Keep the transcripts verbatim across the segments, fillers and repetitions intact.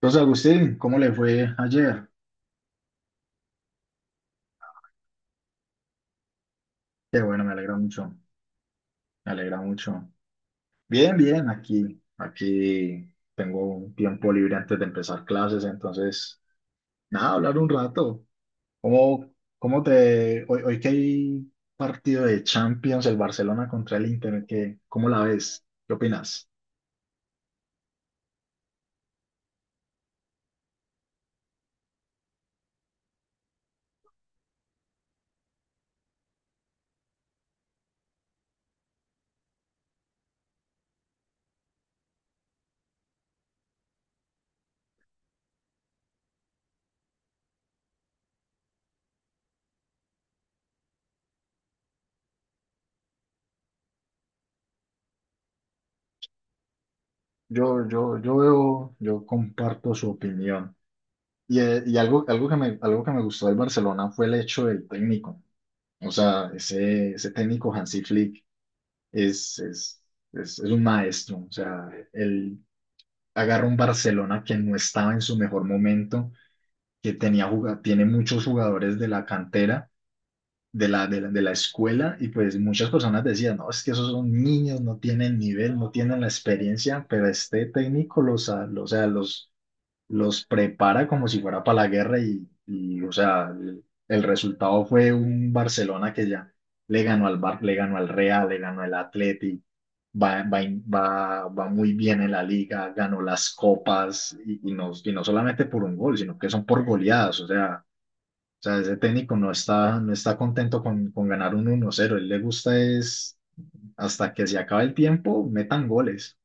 Entonces, Agustín, ¿cómo le fue ayer? Qué bueno, me alegra mucho, me alegra mucho. Bien, bien, aquí, aquí tengo un tiempo libre antes de empezar clases, entonces, nada, hablar un rato. ¿Cómo, cómo te, hoy, ¿Hoy que hay partido de Champions, el Barcelona contra el Inter, ¿qué, cómo la ves? ¿Qué opinas? Yo, yo, yo veo, yo comparto su opinión. Y, eh, y algo, algo que me, algo que me gustó del Barcelona fue el hecho del técnico. O sea, ese, ese técnico Hansi Flick es, es, es, es un maestro. O sea, él agarra un Barcelona que no estaba en su mejor momento, que tenía juga- tiene muchos jugadores de la cantera, de la, de la, de la escuela, y pues muchas personas decían, no, es que esos son niños, no tienen nivel, no tienen la experiencia, pero este técnico los, a- los, o sea, los los prepara como si fuera para la guerra y, y, o sea, el, el resultado fue un Barcelona que ya le ganó al Bar, le ganó al Real, le ganó al Atleti, va, va, in- va, va muy bien en la liga, ganó las copas y, y no, y no solamente por un gol, sino que son por goleadas, o sea, o sea, ese técnico no está, no está contento con, con ganar un uno cero, él le gusta es hasta que se acabe el tiempo, metan goles.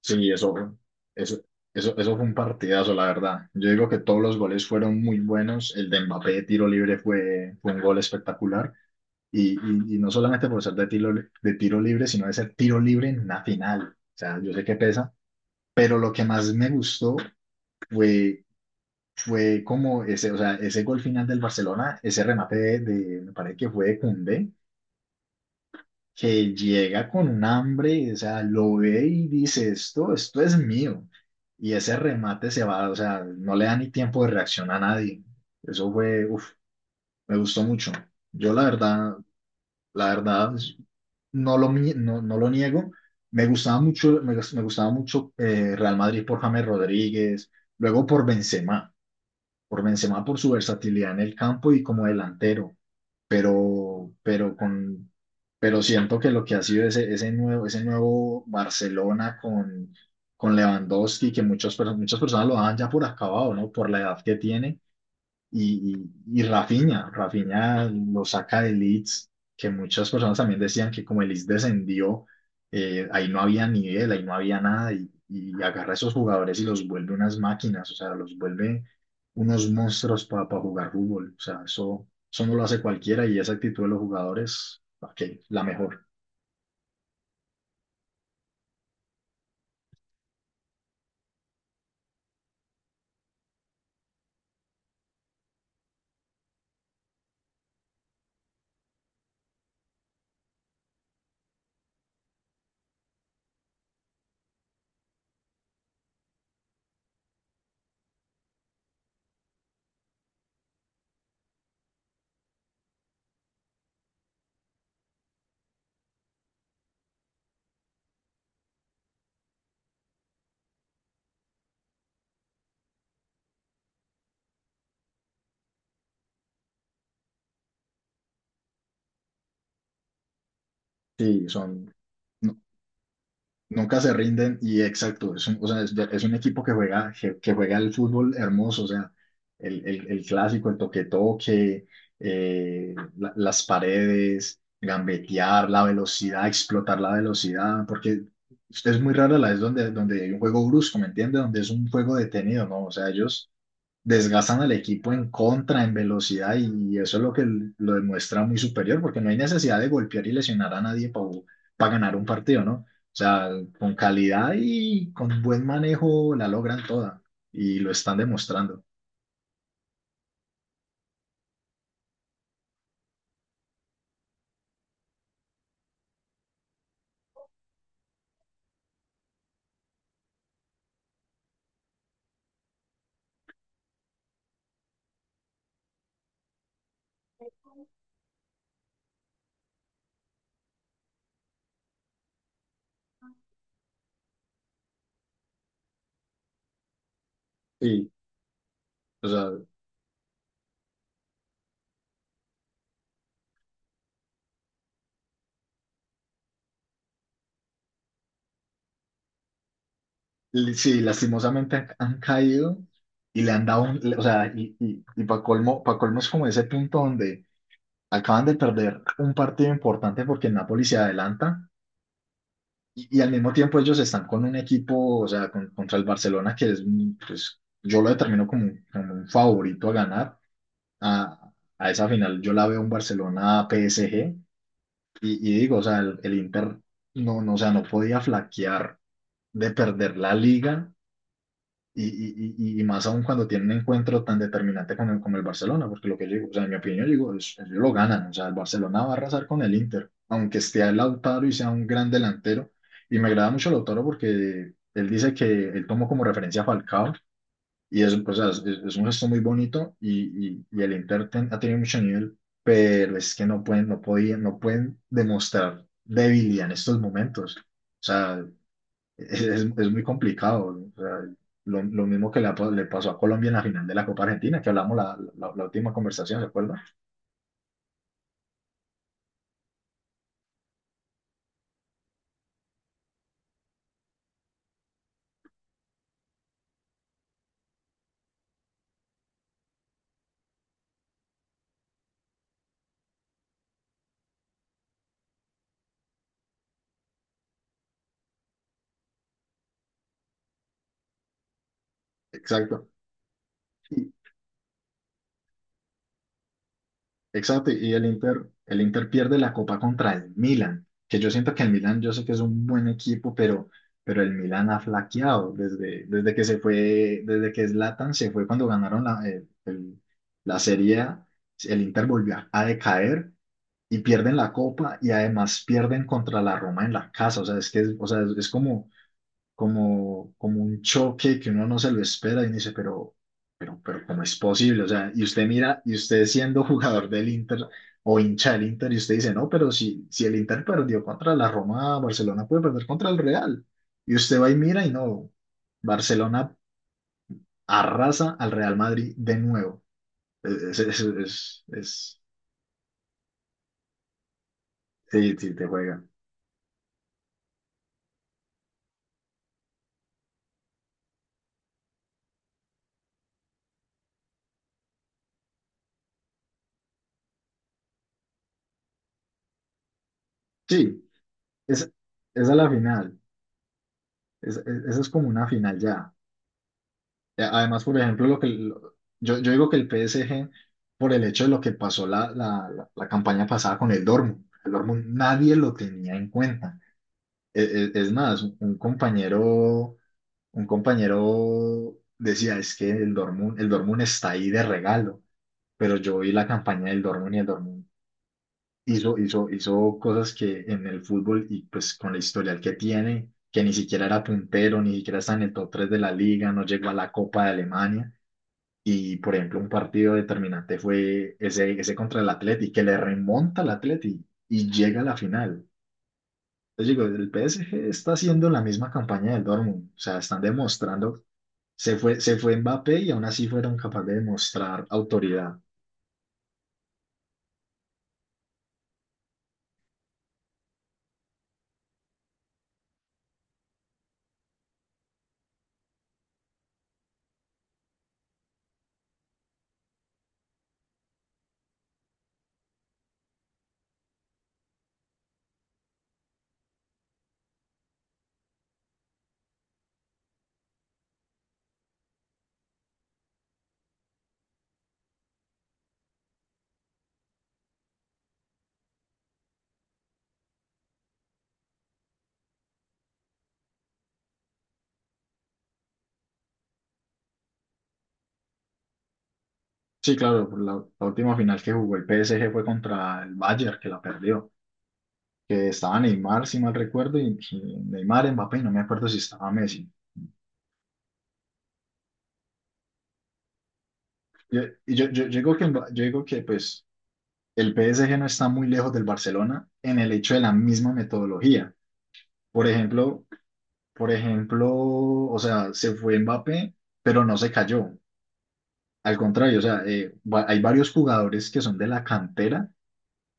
Sí, eso, eso, eso, eso fue un partidazo, la verdad. Yo digo que todos los goles fueron muy buenos. El de Mbappé de tiro libre fue, fue un gol espectacular. Y, y, y no solamente por ser de tiro, de tiro libre, sino de ser tiro libre en una final. O sea, yo sé que pesa, pero lo que más me gustó fue, fue como ese, o sea, ese gol final del Barcelona, ese remate de, de- me parece que fue de Koundé, que llega con un hambre, o sea, lo ve y dice, esto, esto es mío. Y ese remate se va, o sea, no le da ni tiempo de reacción a nadie. Eso fue, uf, me gustó mucho. Yo la verdad, la verdad, pues, no lo, mi- no, no lo niego. Me gustaba mucho, me, gus- me gustaba mucho eh, Real Madrid por James Rodríguez, luego por Benzema por Benzema por su versatilidad en el campo y como delantero, pero, pero con, pero siento que lo que ha sido ese, ese nuevo, ese nuevo Barcelona con, con Lewandowski, que muchos, per- muchas personas lo dan ya por acabado, ¿no? Por la edad que tiene y, y, y Rafinha, Rafinha lo saca de Leeds, que muchas personas también decían que como el Leeds descendió, eh, ahí no había nivel, ahí no había nada, y, y agarra a esos jugadores y los vuelve unas máquinas, o sea, los vuelve unos monstruos para jugar fútbol, o sea, eso, eso no lo hace cualquiera y esa actitud de los jugadores, ok, la mejor, sí, son... Nunca se rinden y exacto, es un, o sea, es, es un equipo que juega, que, que juega el fútbol hermoso, o sea, el, el, el clásico, el toque-toque, eh, la- las paredes, gambetear, la velocidad, explotar la velocidad, porque es muy rara la vez donde, donde hay un juego brusco, ¿me entiendes? Donde es un juego detenido, ¿no? O sea, ellos desgastan al equipo en contra, en velocidad, y eso es lo que lo demuestra muy superior, porque no hay necesidad de golpear y lesionar a nadie para ganar un partido, ¿no? O sea, con calidad y con buen manejo la logran toda, y lo están demostrando. Sí, o sea, l- sí, lastimosamente han, han caído y le han dado un, le- o sea, y, y, y para colmo, pa' colmo es como ese punto donde acaban de perder un partido importante porque el Napoli se adelanta. Y, y al mismo tiempo ellos están con un equipo, o sea, con- contra el Barcelona, que es, un- pues, yo lo determino como, un- como un favorito a ganar. A, a esa final yo la veo un Barcelona-P S G y, y digo, o sea, el, el Inter no, no, o sea, no podía flaquear de perder la liga y, y, y, y más aún cuando tiene un encuentro tan determinante con el, con el Barcelona, porque lo que yo digo, o sea, en mi opinión, yo digo, es- ellos lo ganan, o sea, el Barcelona va a arrasar con el Inter, aunque esté el Lautaro y sea un gran delantero. Y me agrada mucho Lautaro porque él dice que él tomó como referencia a Falcao, y es, o sea, es, es un gesto muy bonito, y, y, y el Inter ten- ha tenido mucho nivel, pero es que no pueden, no podían, no pueden demostrar debilidad en estos momentos. O sea, es, es- muy complicado. ¿No? O sea, lo, lo mismo que le, ha pa- le pasó a Colombia en la final de la Copa Argentina, que hablamos la, la- la última conversación, ¿se acuerda? Exacto. Y- exacto. Y el Inter, el Inter pierde la Copa contra el Milan, que yo siento que el Milan, yo sé que es un buen equipo, pero, pero el Milan ha flaqueado desde, desde que se fue, desde que Zlatan se fue cuando ganaron la, el- el- la Serie A, el Inter volvió a decaer y pierden la copa y además pierden contra la Roma en la casa. O sea, es que es, o sea, es es como, como, como un choque que uno no se lo espera y uno dice, pero, pero, pero, ¿cómo es posible? O sea, y usted mira, y usted siendo jugador del Inter o hincha del Inter, y usted dice, no, pero si, si el Inter perdió contra la Roma, Barcelona puede perder contra el Real. Y usted va y mira y no, Barcelona arrasa al Real Madrid de nuevo. Es, es, es, es- sí, sí, te juega. Sí, es esa es la final. Es- es- esa es como una final ya. Eh, además, por ejemplo, lo que lo- yo, yo digo que el P S G, por el hecho de lo que pasó la, la, la, la campaña pasada con el Dortmund, el Dortmund nadie lo tenía en cuenta. E- e- Es, más, un, un compañero, un compañero decía, es que el Dortmund, el Dortmund está ahí de regalo, pero yo vi la campaña del Dortmund y el Dortmund hizo, hizo, hizo cosas que en el fútbol y pues con la historial que tiene, que ni siquiera era puntero, ni siquiera está en el top tres de la liga, no llegó a la Copa de Alemania. Y por ejemplo, un partido determinante fue ese, ese contra el Atleti, que le remonta al Atleti y llega a la final. Entonces digo, el P S G está haciendo la misma campaña del Dortmund, o sea, están demostrando, se fue, se fue Mbappé y aún así fueron capaces de demostrar autoridad. Sí, claro, por la, la última final que jugó el P S G fue contra el Bayern, que la perdió. Que estaba Neymar, si mal recuerdo, y pues, Neymar, Mbappé, y no me acuerdo si estaba Messi. Yo- Y yo, yo, yo digo que, Mba- yo digo que pues, el P S G no está muy lejos del Barcelona en el hecho de la misma metodología. Por ejemplo, por ejemplo, o sea, se fue Mbappé, pero no se cayó. Al contrario, o sea, eh, va- hay varios jugadores que son de la cantera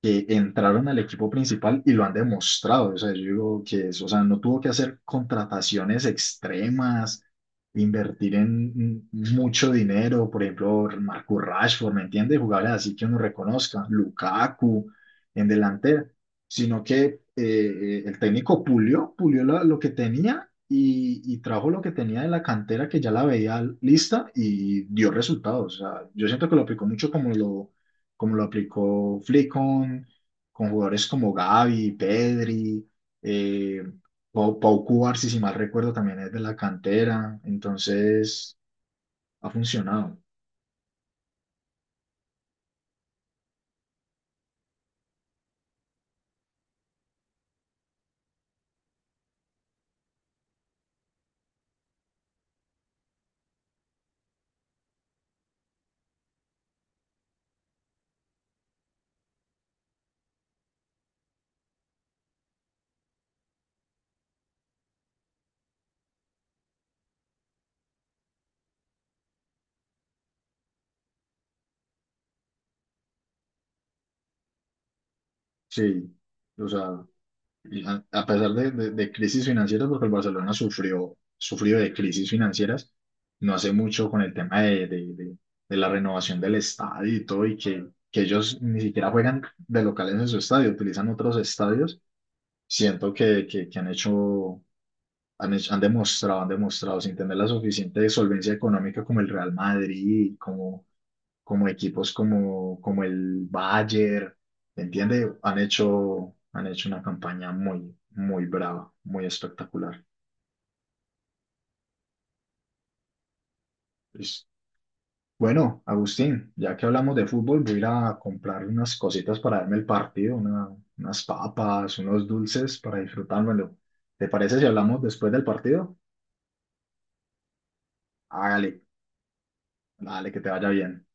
que entraron al equipo principal y lo han demostrado. O sea, yo digo que es- o sea, no tuvo que hacer contrataciones extremas, invertir en mm, mucho dinero, por ejemplo, Marcus Rashford, ¿me entiendes? Jugadores así que uno reconozca, Lukaku en delantera, sino que eh, eh, el técnico pulió, pulió la- lo que tenía. Y, y trajo lo que tenía de la cantera que ya la veía lista y dio resultados. O sea, yo siento que lo aplicó mucho como lo, como lo aplicó Flick con, con jugadores como Gavi, Pedri, eh, Pau, Pau Cubarsí, si si mal recuerdo, también es de la cantera, entonces ha funcionado, sí, o sea, y a, a pesar de, de- de crisis financieras, porque el Barcelona sufrió, sufrió de crisis financieras, no hace mucho con el tema de, de- de- de la renovación del estadio y todo, y que, que ellos ni siquiera juegan de locales en su estadio, utilizan otros estadios. Siento que, que, que han hecho, han hecho- han demostrado, han demostrado sin tener la suficiente solvencia económica como el Real Madrid, como, como equipos como, como el Bayern, ¿entiendes? Han hecho, han hecho una campaña muy, muy brava, muy espectacular. Pues, bueno, Agustín, ya que hablamos de fútbol, voy a ir a comprar unas cositas para darme el partido, una- unas papas, unos dulces para disfrutármelo. ¿Te parece si hablamos después del partido? Hágale. Dale, que te vaya bien.